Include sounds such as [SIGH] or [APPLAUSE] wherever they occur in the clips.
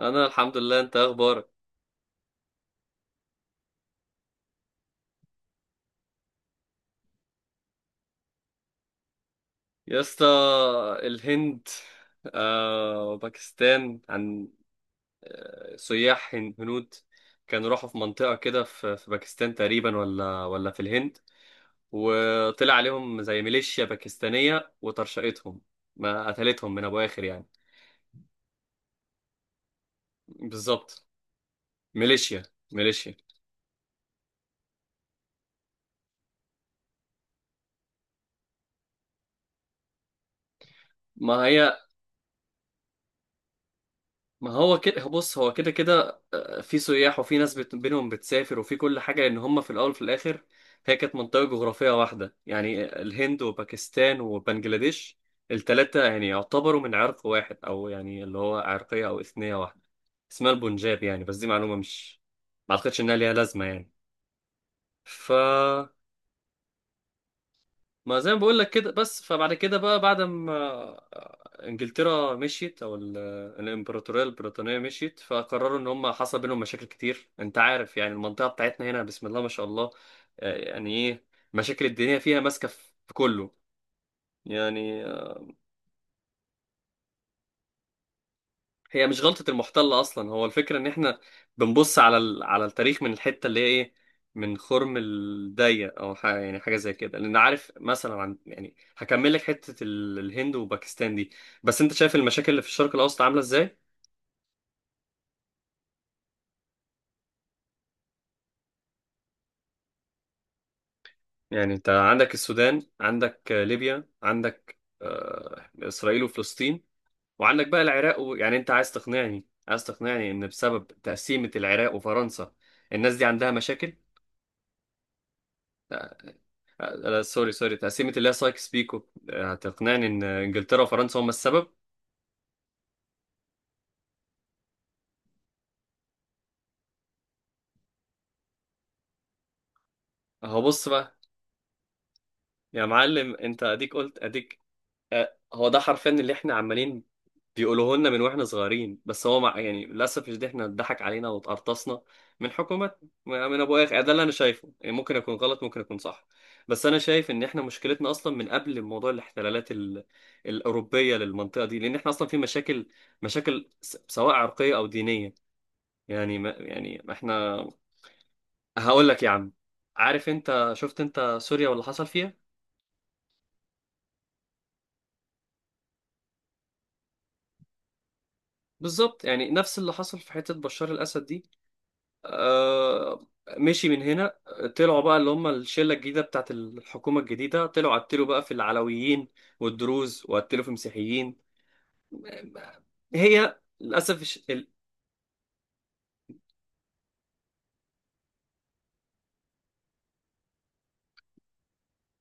انا الحمد لله. انت ايه اخبارك؟ يا اسطى. الهند، وباكستان. عن، سياح هنود كانوا راحوا في منطقة كده في باكستان تقريبا، ولا في الهند. وطلع عليهم زي ميليشيا باكستانية وطرشقتهم، ما قتلتهم من ابو اخر يعني. بالظبط. ميليشيا، ميليشيا. ما هي ما هو كده. بص، هو كده كده، في سياح وفي ناس بينهم بتسافر وفي كل حاجة، لأن هم في الأول وفي الآخر هي كانت منطقة جغرافية واحدة، يعني الهند وباكستان وبنجلاديش التلاتة يعني يعتبروا من عرق واحد، أو يعني اللي هو عرقية أو إثنية واحدة اسمها البنجاب يعني. بس دي معلومة، مش، ما أعتقدش إنها ليها لازمة يعني. ف، ما زي ما بقول لك كده. بس فبعد كده بقى، بعد ما انجلترا مشيت، الامبراطوريه البريطانيه مشيت، فقرروا ان هم حصل بينهم مشاكل كتير. انت عارف يعني المنطقه بتاعتنا هنا بسم الله ما شاء الله، يعني ايه، مشاكل الدنيا فيها ماسكه في كله يعني. هي مش غلطة المحتل أصلا، هو الفكرة إن إحنا بنبص على على التاريخ من الحتة اللي هي إيه، من خرم الضيق، أو حاجة يعني، حاجة زي كده. لأن عارف مثلا، عن يعني، هكمل لك حتة الهند وباكستان دي. بس أنت شايف المشاكل اللي في الشرق الأوسط عاملة إزاي؟ يعني أنت عندك السودان، عندك، ليبيا، عندك، إسرائيل وفلسطين، وعندك بقى العراق يعني. أنت عايز تقنعني إن بسبب تقسيمة العراق وفرنسا الناس دي عندها مشاكل؟ لا، سوري، سوري، تقسيمة اللي هي سايكس بيكو. هتقنعني ان انجلترا وفرنسا هما السبب؟ اهو بص بقى، يا معلم انت اديك قلت اديك. هو ده حرفيا اللي احنا عمالين بيقولوه لنا من واحنا صغيرين، بس هو مع يعني للاسف. مش ده، احنا اتضحك علينا واتقرطصنا من حكومات، من ابو اخ. ده اللي انا شايفه يعني. ممكن اكون غلط، ممكن اكون صح. بس انا شايف ان احنا مشكلتنا اصلا من قبل موضوع الاحتلالات الاوروبيه للمنطقه دي، لان احنا اصلا في مشاكل، مشاكل سواء عرقيه او دينيه. يعني ما يعني ما احنا. هقول لك يا عم، عارف انت شفت انت سوريا واللي حصل فيها؟ بالظبط، يعني نفس اللي حصل في حتة بشار الأسد دي. آه. مشي من هنا، طلعوا بقى اللي هم الشلة الجديدة بتاعت الحكومة الجديدة، طلعوا قتلوا بقى في العلويين والدروز، وقتلوا في مسيحيين. هي، للأسف،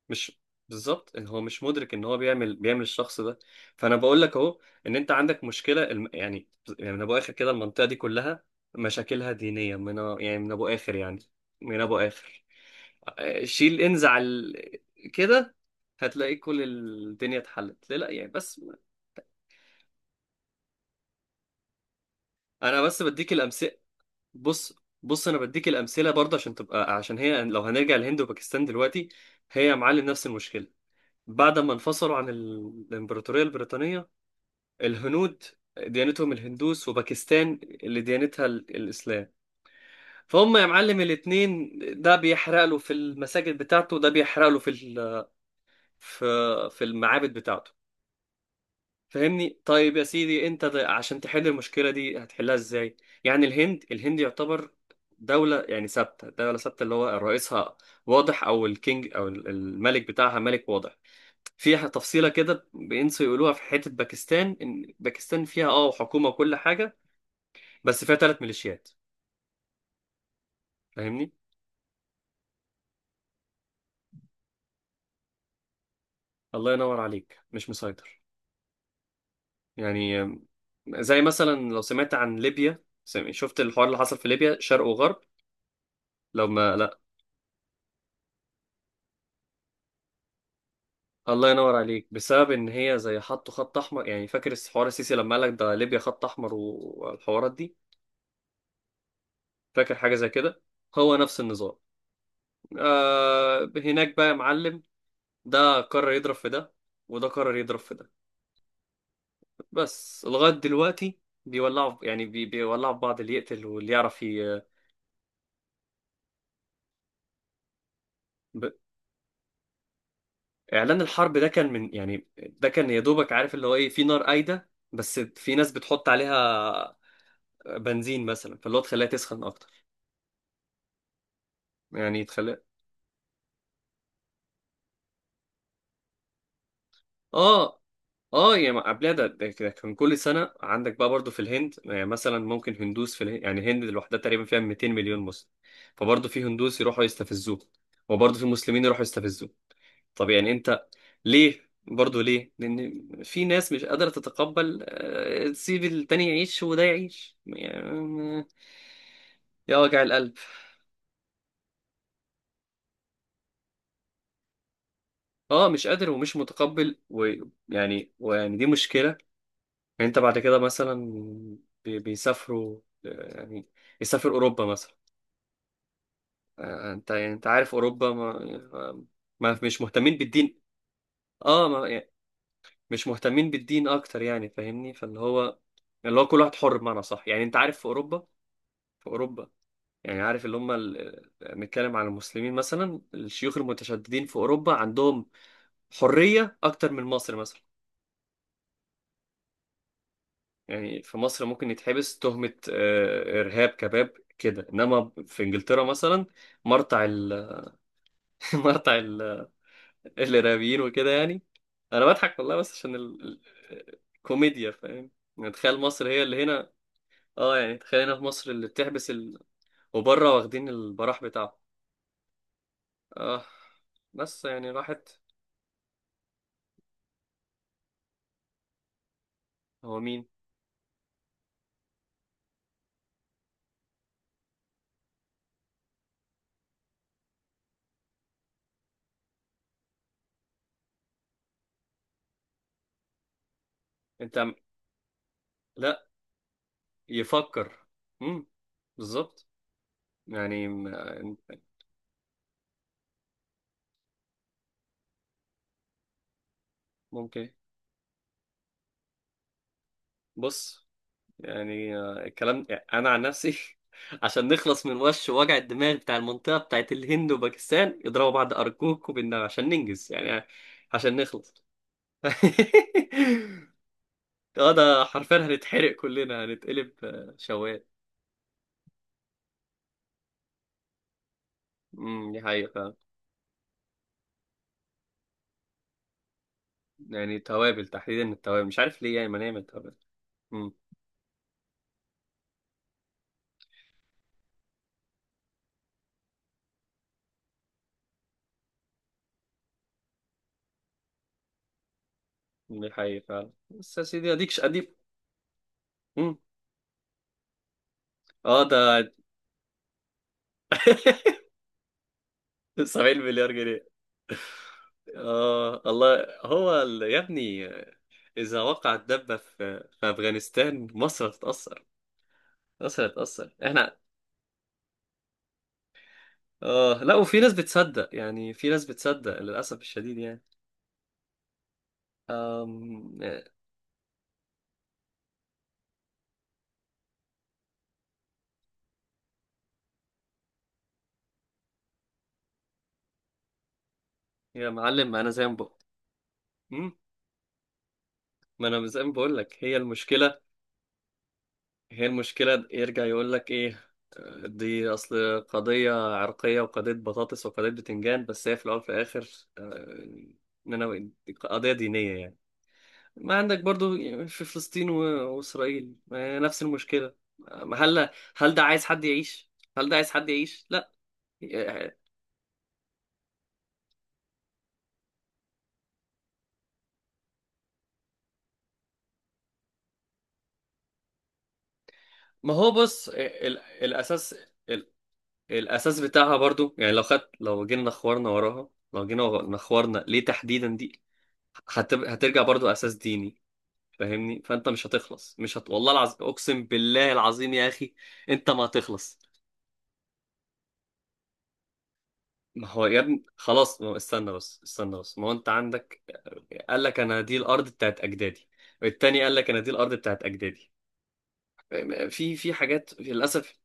مش. بالظبط، إن هو مش مدرك ان هو بيعمل الشخص ده. فانا بقول لك اهو، ان انت عندك مشكله يعني، يعني من ابو اخر كده المنطقه دي كلها مشاكلها دينيه يعني من ابو اخر يعني، من ابو اخر. شيل، انزع كده، هتلاقي كل الدنيا اتحلت. ليه؟ لا يعني، بس انا بس بديك الامثله. بص، بص، انا بديك الامثله برضه، عشان تبقى، عشان هي لو هنرجع الهند وباكستان دلوقتي، هي يا معلم نفس المشكله. بعد ما انفصلوا عن الامبراطوريه البريطانيه، الهنود ديانتهم الهندوس، وباكستان اللي ديانتها الإسلام. فهم يا معلم الاتنين، ده بيحرق له في المساجد بتاعته، وده بيحرق له في في المعابد بتاعته. فاهمني؟ طيب يا سيدي، انت ده عشان تحل المشكلة دي هتحلها ازاي؟ يعني الهند يعتبر دولة يعني ثابتة، دولة ثابتة، اللي هو رئيسها واضح، أو الكينج أو الملك بتاعها، ملك واضح. فيها تفصيلة كده بينسوا يقولوها في حتة باكستان، إن باكستان فيها حكومة وكل حاجة، بس فيها ثلاث ميليشيات. فاهمني؟ الله ينور عليك، مش مسيطر. يعني، زي مثلا لو سمعت عن ليبيا، شفت الحوار اللي حصل في ليبيا شرق وغرب؟ لو ما لا، الله ينور عليك، بسبب ان هي زي حطوا خط احمر، يعني فاكر حوار السيسي لما قالك ده ليبيا خط احمر والحوارات دي؟ فاكر حاجه زي كده. هو نفس النظام. آه، هناك بقى يا معلم، ده قرر يضرب في ده، وده قرر يضرب في ده، بس لغايه دلوقتي بيولعوا بيولعوا في بعض، اللي يقتل واللي يعرف اعلان الحرب ده كان من يعني، ده كان يا دوبك. عارف اللي هو ايه، في نار قايده بس في ناس بتحط عليها بنزين مثلا، فاللي هو تخليها تسخن اكتر يعني، تخليها. اه، اه، يعني ما قبلها ده كده كان كل سنه. عندك بقى برضو في الهند، يعني مثلا ممكن هندوس في الهند، يعني الهند لوحدها تقريبا فيها 200 مليون مسلم، فبرضو في هندوس يروحوا يستفزوه، وبرضو في مسلمين يروحوا يستفزوه. طب يعني انت، ليه برضه؟ ليه؟ لان في ناس مش قادره تتقبل، تسيب التاني يعيش وده يعيش يعني. آه، يا وجع القلب. اه، مش قادر ومش متقبل، ويعني دي مشكله. يعني انت بعد كده مثلا بيسافروا، يعني يسافر اوروبا مثلا. انت يعني، انت عارف اوروبا ما, ما مش مهتمين بالدين. اه، ما يعني مش مهتمين بالدين اكتر يعني. فاهمني، فاللي هو، اللي هو كل واحد حر بمعنى صح. يعني انت عارف في اوروبا، في اوروبا، يعني عارف اللي هم نتكلم عن المسلمين مثلا، الشيوخ المتشددين في أوروبا عندهم حرية أكتر من مصر مثلا. يعني في مصر ممكن يتحبس تهمة، إرهاب كباب كده، إنما في إنجلترا مثلا مرتع [LAUGHS] مرتع الإرهابيين وكده يعني. أنا بضحك والله، بس عشان الكوميديا، فاهم؟ يعني تخيل مصر هي اللي هنا. اه، يعني تخيل هنا في مصر اللي بتحبس وبره واخدين البراح بتاعهم. اه. بس يعني راحت. هو مين؟ انت. لا. يفكر. امم بالظبط. يعني ممكن. بص، يعني، الكلام يعني انا عن نفسي. [LAUGHS] عشان نخلص من وش وجع الدماغ بتاع المنطقه بتاعت الهند وباكستان، اضربوا بعض ارجوكوا بالنار عشان ننجز يعني، عشان نخلص. [LAUGHS] اه، ده حرفيا هنتحرق كلنا، هنتقلب، شوايه. دي حقيقه فعلا. يعني توابل تحديدا، التوابل مش عارف ليه، يعني ما نعمل توابل. امم دي حقيقه فعلا، بس يا سيدي اديك اديك. امم، اه، ده، [LAUGHS] 70 مليار جنيه. اه، الله هو يا ابني، اذا وقعت دبه في افغانستان مصر هتتاثر. احنا. اه، لا، وفي ناس بتصدق يعني، في ناس بتصدق للاسف الشديد يعني. أم... يا معلم، انا زي ما بقول، ما انا زي ما بقول لك هي المشكله، هي المشكلة يرجع يقول لك إيه، دي أصل قضية عرقية، وقضية بطاطس، وقضية بتنجان، بس هي في الأول وفي الآخر آه، إننا قضية دينية يعني. ما عندك برضو في فلسطين وإسرائيل، نفس المشكلة. آه، هل هل ده عايز حد يعيش؟ هل ده عايز حد يعيش؟ لا. آه، ما هو بص. الأساس، ال- الأساس بتاعها برضو. يعني لو خدت، لو جينا نخورنا وراها، لو جينا نخورنا ليه تحديدا دي، هترجع برضو أساس ديني. فاهمني، فانت مش هتخلص، مش هت... والله العظيم اقسم بالله العظيم يا اخي، انت ما هتخلص. ما هو يا ابني خلاص، ما هو استنى بس، استنى بس، ما هو انت عندك، قال لك انا دي الارض بتاعت اجدادي، والتاني قال لك انا دي الارض بتاعت اجدادي. في حاجات، في، للاسف.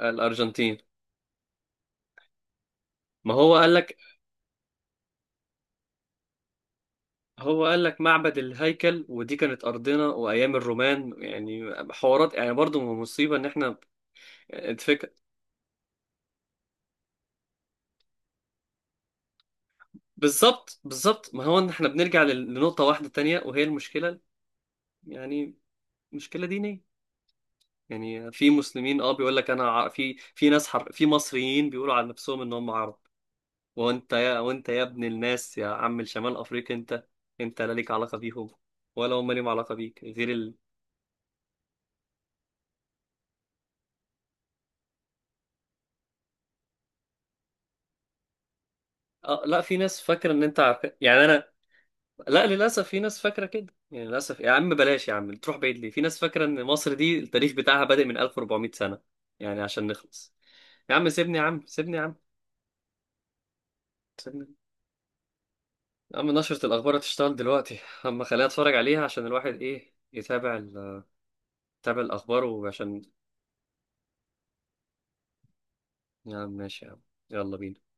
الارجنتين، ما هو قال لك، هو قال لك معبد الهيكل، ودي كانت ارضنا وايام الرومان، يعني حوارات يعني برضو مصيبه ان احنا. الفكره، بالظبط، بالظبط، ما هو ان احنا بنرجع لنقطه واحده تانية، وهي المشكله يعني، مشكلة دينية. يعني في مسلمين اه، بيقول لك انا في ناس في مصريين بيقولوا عن نفسهم ان هم عرب. وانت يا ابن الناس، يا عم الشمال افريقيا. انت، انت لا ليك علاقة بيهم ولا هم ليهم علاقة بيك، غير اه، لا، في ناس فاكرة ان، انت عارف يعني انا. لا، للاسف في ناس فاكرة كده يعني، للاسف يا عم، بلاش يا عم تروح بعيد ليه، في ناس فاكرة ان مصر دي التاريخ بتاعها بادئ من 1400 سنة. يعني عشان نخلص. يا عم سيبني، يا عم سيبني، يا عم سيبني. يا عم، نشرة الأخبار هتشتغل دلوقتي، أما خليها أتفرج عليها، عشان الواحد إيه يتابع يتابع الأخبار، وعشان. يا عم ماشي يا عم، يلا بينا.